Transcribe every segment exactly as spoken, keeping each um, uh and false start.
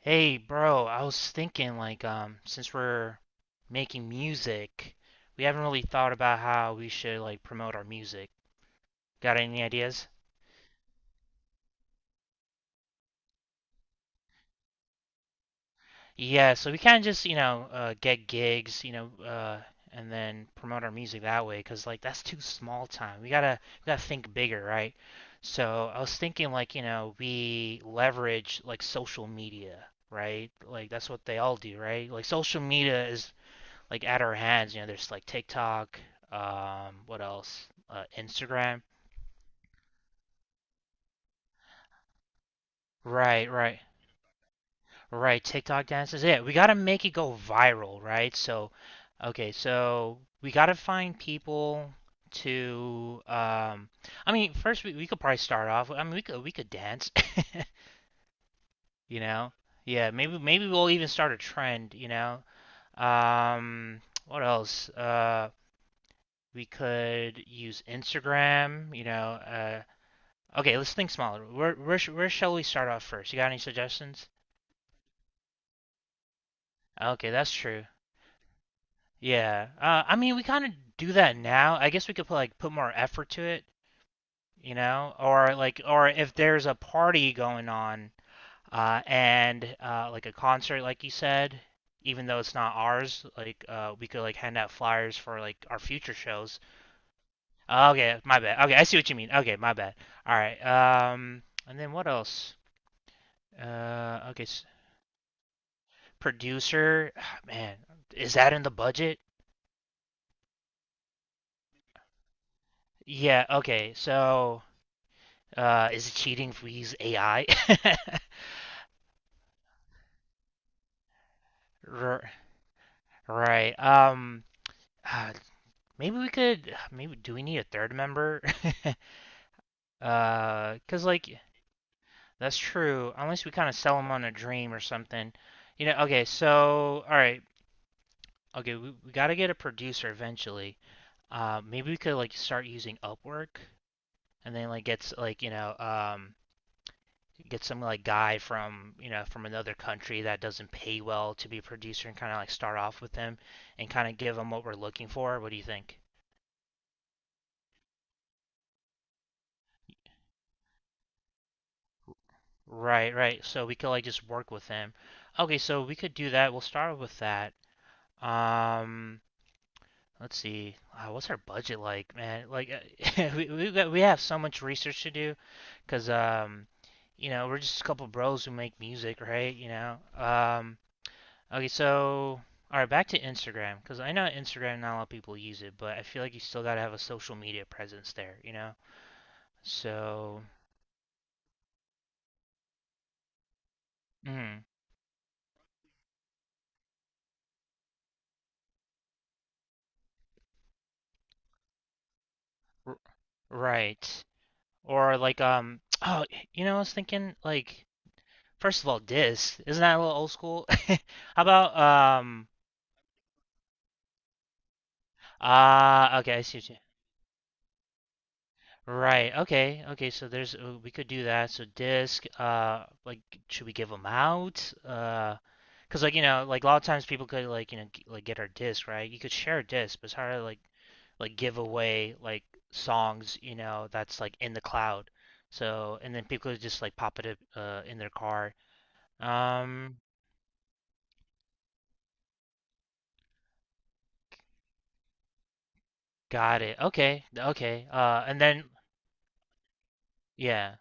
Hey, bro, I was thinking like um since we're making music, we haven't really thought about how we should like promote our music. Got any ideas? Yeah, so we can just, you know, uh get gigs, you know, uh and then promote our music that way 'cause like that's too small time. We gotta we gotta think bigger, right? So I was thinking like, you know, we leverage like social media, right? Like that's what they all do, right? Like social media is like at our hands. You know, there's like TikTok, um, what else? Uh, Instagram. Right, right, right. TikTok dances. Yeah, we gotta make it go viral, right? So, okay, so we gotta find people to. Um, I mean, first we, we could probably start off. I mean, we could we could dance. you know. Yeah, maybe maybe we'll even start a trend. You know. Um, what else? Uh, we could use Instagram. You know. Uh Okay, let's think smaller. Where where sh- where shall we start off first? You got any suggestions? Okay, that's true. Yeah. Uh, I mean, we kind of do that now. I guess we could put like put more effort to it, you know, or like or if there's a party going on uh, and uh, like a concert, like you said, even though it's not ours, like uh, we could like hand out flyers for like our future shows. Okay, my bad. Okay, I see what you mean. Okay, my bad. All right. Um, and then what else? Uh, okay. s Producer, ah, man, is that in the budget? Yeah, okay. So, uh, is it cheating if we use A I? right. Um, ah, maybe we could. Maybe do we need a third member? Uh, cause like that's true. Unless we kind of sell them on a dream or something. You know. Okay. So, all right. Okay, we, we gotta get a producer eventually. Uh, maybe we could like start using Upwork and then like gets like you know um get some like guy from you know from another country that doesn't pay well to be a producer and kind of like start off with them and kind of give them what we're looking for. What do you think? Right, right. So we could like just work with them. Okay, so we could do that. We'll start with that. Um, let's see. Uh, what's our budget like, man? Like uh, we we got, we have so much research to do because um, you know, we're just a couple bros who make music, right? You know. Um, Okay, so all right, back to Instagram because I know Instagram not a lot of people use it, but I feel like you still gotta have a social media presence there, you know? So, mm, r right, or like um, oh, you know, I was thinking like first of all, Disk isn't that a little old school? How about um, ah, okay, I see what you. Right. Okay. Okay. So there's uh, we could do that. So disc. Uh, like, should we give them out? Uh, because like you know, like a lot of times people could like you know g- like get our disc, right? You could share a disc, but it's hard to like like give away like songs, you know, that's like in the cloud. So and then people could just like pop it up, uh in their car. Um, got it. Okay. Okay. Uh, and then yeah.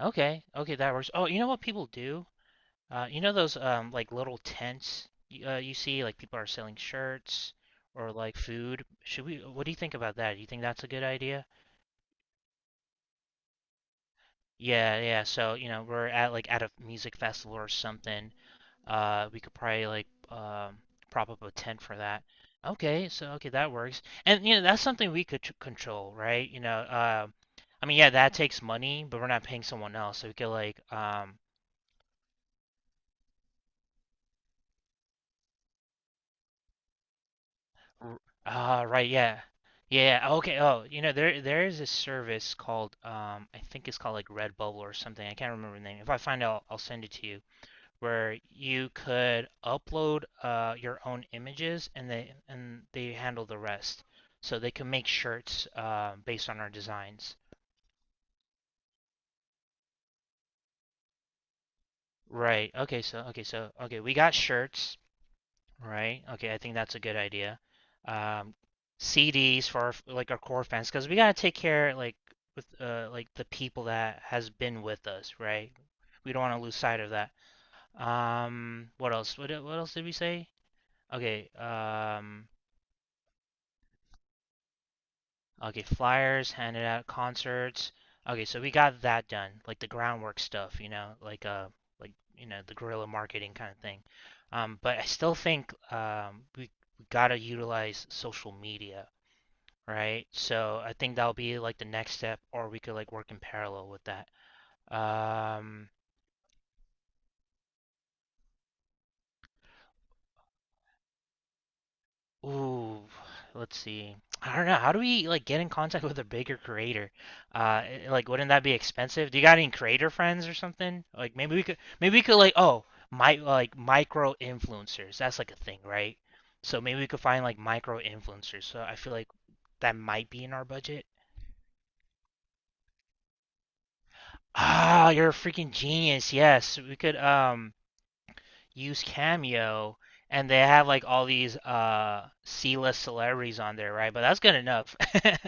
Okay. Okay, that works. Oh, you know what people do? Uh, you know those um like little tents y- uh, you see like people are selling shirts or like food. Should we? What do you think about that? Do you think that's a good idea? Yeah, yeah. So you know we're at like at a music festival or something. Uh, we could probably like um prop up a tent for that. Okay, so okay that works. And you know that's something we could tr- control, right? You know, uh, I mean yeah that takes money, but we're not paying someone else, so we could like um R- Ah, right, yeah. Yeah, yeah, okay. Oh, you know, there there is a service called um I think it's called like Redbubble or something. I can't remember the name. If I find out, I'll send it to you, where you could upload uh your own images and they and they handle the rest. So they can make shirts uh based on our designs. Right. Okay, so okay, so okay, we got shirts. Right. Okay, I think that's a good idea. Um, C Ds for our, like our core fans because we gotta take care like with uh like the people that has been with us, right? We don't want to lose sight of that. Um, what else? What e- what else did we say? Okay. Um, okay, flyers handed out concerts. Okay, so we got that done, like the groundwork stuff, you know, like uh like you know the guerrilla marketing kind of thing. Um, but I still think um we we gotta utilize social media right? So I think that'll be like the next step, or we could like work in parallel with that. Um, ooh, let's see. I don't know. How do we like get in contact with a bigger creator? Uh, eh, like, wouldn't that be expensive? Do you got any creator friends or something? Like, maybe we could, maybe we could like, oh, my like micro influencers. That's like a thing, right? So maybe we could find like micro influencers. So I feel like that might be in our budget. Ah, you're a freaking genius. Yes, we could um. Use Cameo, and they have like all these uh C-list celebrities on there, right? But that's good enough.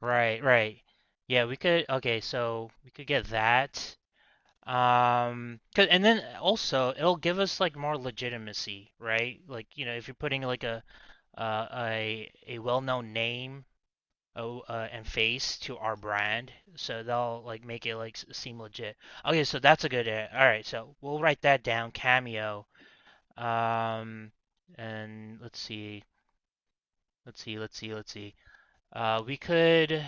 Right, right. Yeah, we could okay, so we could get that. Um, 'cause and then also it'll give us like more legitimacy, right? Like, you know, if you're putting like a uh, a a well-known name oh, uh, and face to our brand, so they'll like make it like s- seem legit. Okay, so that's a good uh, all right, so we'll write that down, Cameo. Um, and let's see, let's see, let's see, let's see. Uh, we could,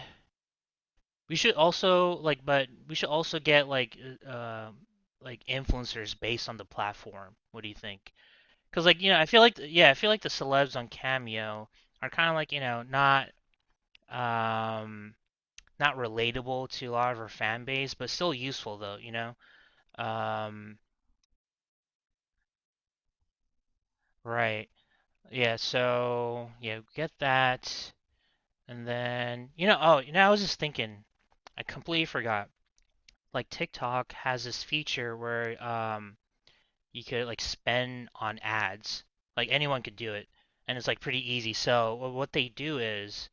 we should also like, but we should also get like, uh, uh, like influencers based on the platform. What do you think? Because like, you know, I feel like, yeah, I feel like the celebs on Cameo are kind of like, you know, not, um, not relatable to a lot of our fan base, but still useful though, you know? Um, right. Yeah, so yeah, get that. And then, you know, oh, you know, I was just thinking, I completely forgot. Like TikTok has this feature where um you could like spend on ads. Like anyone could do it, and it's like pretty easy. So wh- what they do is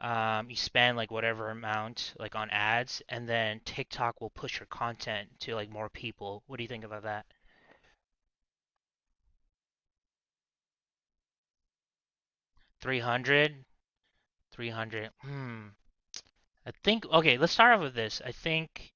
um you spend like whatever amount like on ads, and then TikTok will push your content to like more people. What do you think about that? three hundred? three hundred. Hmm. I think okay, let's start off with this. I think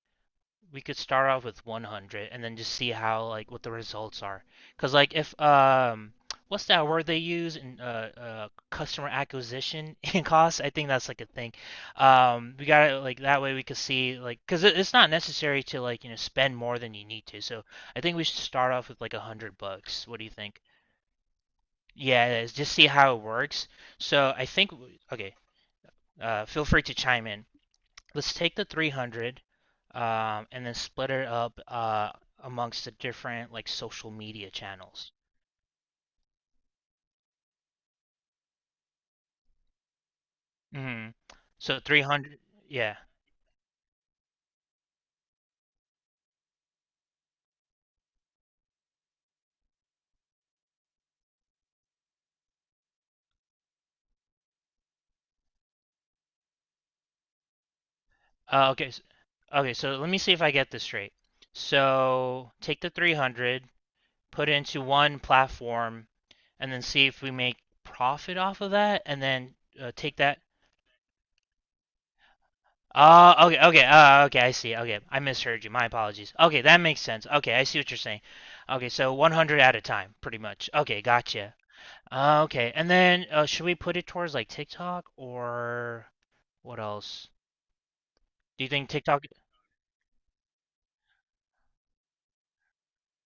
we could start off with one hundred and then just see how like what the results are. Cause like if um what's that word they use in uh, uh customer acquisition and costs? I think that's like a thing. Um, we gotta like that way we could see like because it, it's not necessary to like you know spend more than you need to. So I think we should start off with like one hundred bucks. What do you think? Yeah, it is. Just see how it works. So I think okay. Uh, feel free to chime in let's take the three hundred um, and then split it up uh, amongst the different like social media channels. Hmm. So three hundred, yeah. Uh, okay, s- okay. So let me see if I get this straight. So take the three hundred, put it into one platform, and then see if we make profit off of that, and then uh, take that Oh, uh, okay, okay, uh, okay, I see. Okay, I misheard you. My apologies. Okay, that makes sense. Okay, I see what you're saying. Okay, so one hundred at a time, pretty much. Okay, gotcha. Uh, okay, and then uh, should we put it towards like TikTok or what else? Do you think TikTok?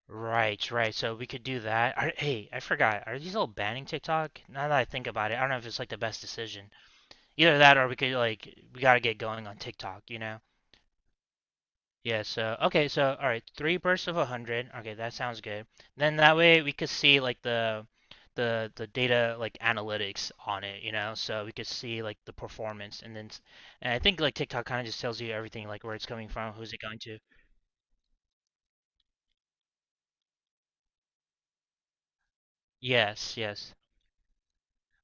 Right, right. So we could do that. Are, hey, I forgot. Are these all banning TikTok? Now that I think about it, I don't know if it's like the best decision. Either that or we could like we gotta get going on TikTok, you know? Yeah, so okay, so all right, three bursts of one hundred. Okay, that sounds good. Then that way we could see like the the the data like analytics on it, you know, so we could see like the performance and then s- and I think like TikTok kind of just tells you everything like where it's coming from, who's it going to. Yes, yes.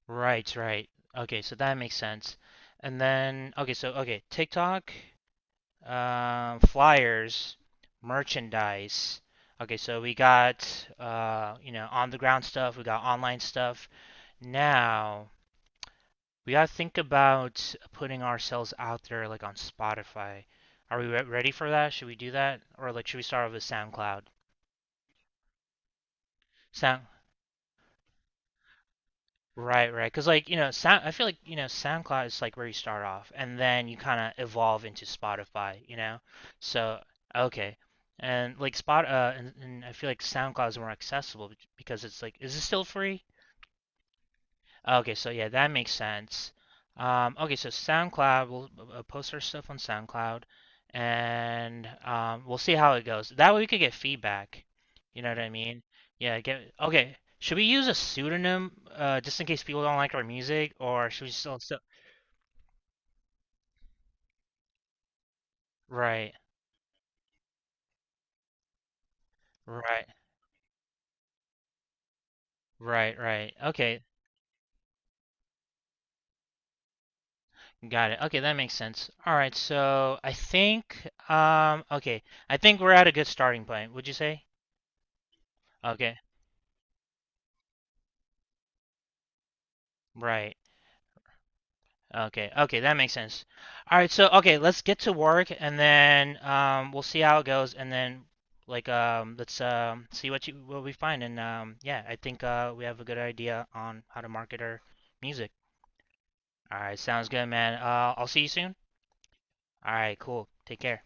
Right, right. Okay, so that makes sense. And then okay, so okay, TikTok um, flyers, merchandise. Okay, so we got uh, you know on the ground stuff, we got online stuff. Now we gotta think about putting ourselves out there like on Spotify. Are we re- ready for that? Should we do that, or like should we start with SoundCloud? Sound Right, right. Because like you know, sound, I feel like you know SoundCloud is like where you start off, and then you kind of evolve into Spotify. You know, so okay, and like Spot, uh, and, and I feel like SoundCloud is more accessible bec- because it's like, is it still free? Okay, so yeah, that makes sense. Um, okay, so SoundCloud, we'll uh, post our stuff on SoundCloud, and um, we'll see how it goes. That way we could get feedback. You know what I mean? Yeah, get okay. Should we use a pseudonym uh, just in case people don't like our music, or should we still, still right, right, right, right. Okay, got it. Okay, that makes sense. All right, so I think um, okay, I think we're at a good starting point. Would you say? Okay, right. Okay, okay, that makes sense. All right, so okay, let's get to work and then um we'll see how it goes and then like um let's um see what you what we find and um yeah, I think uh we have a good idea on how to market our music. All right, sounds good, man. Uh I'll see you soon. All right, cool. Take care.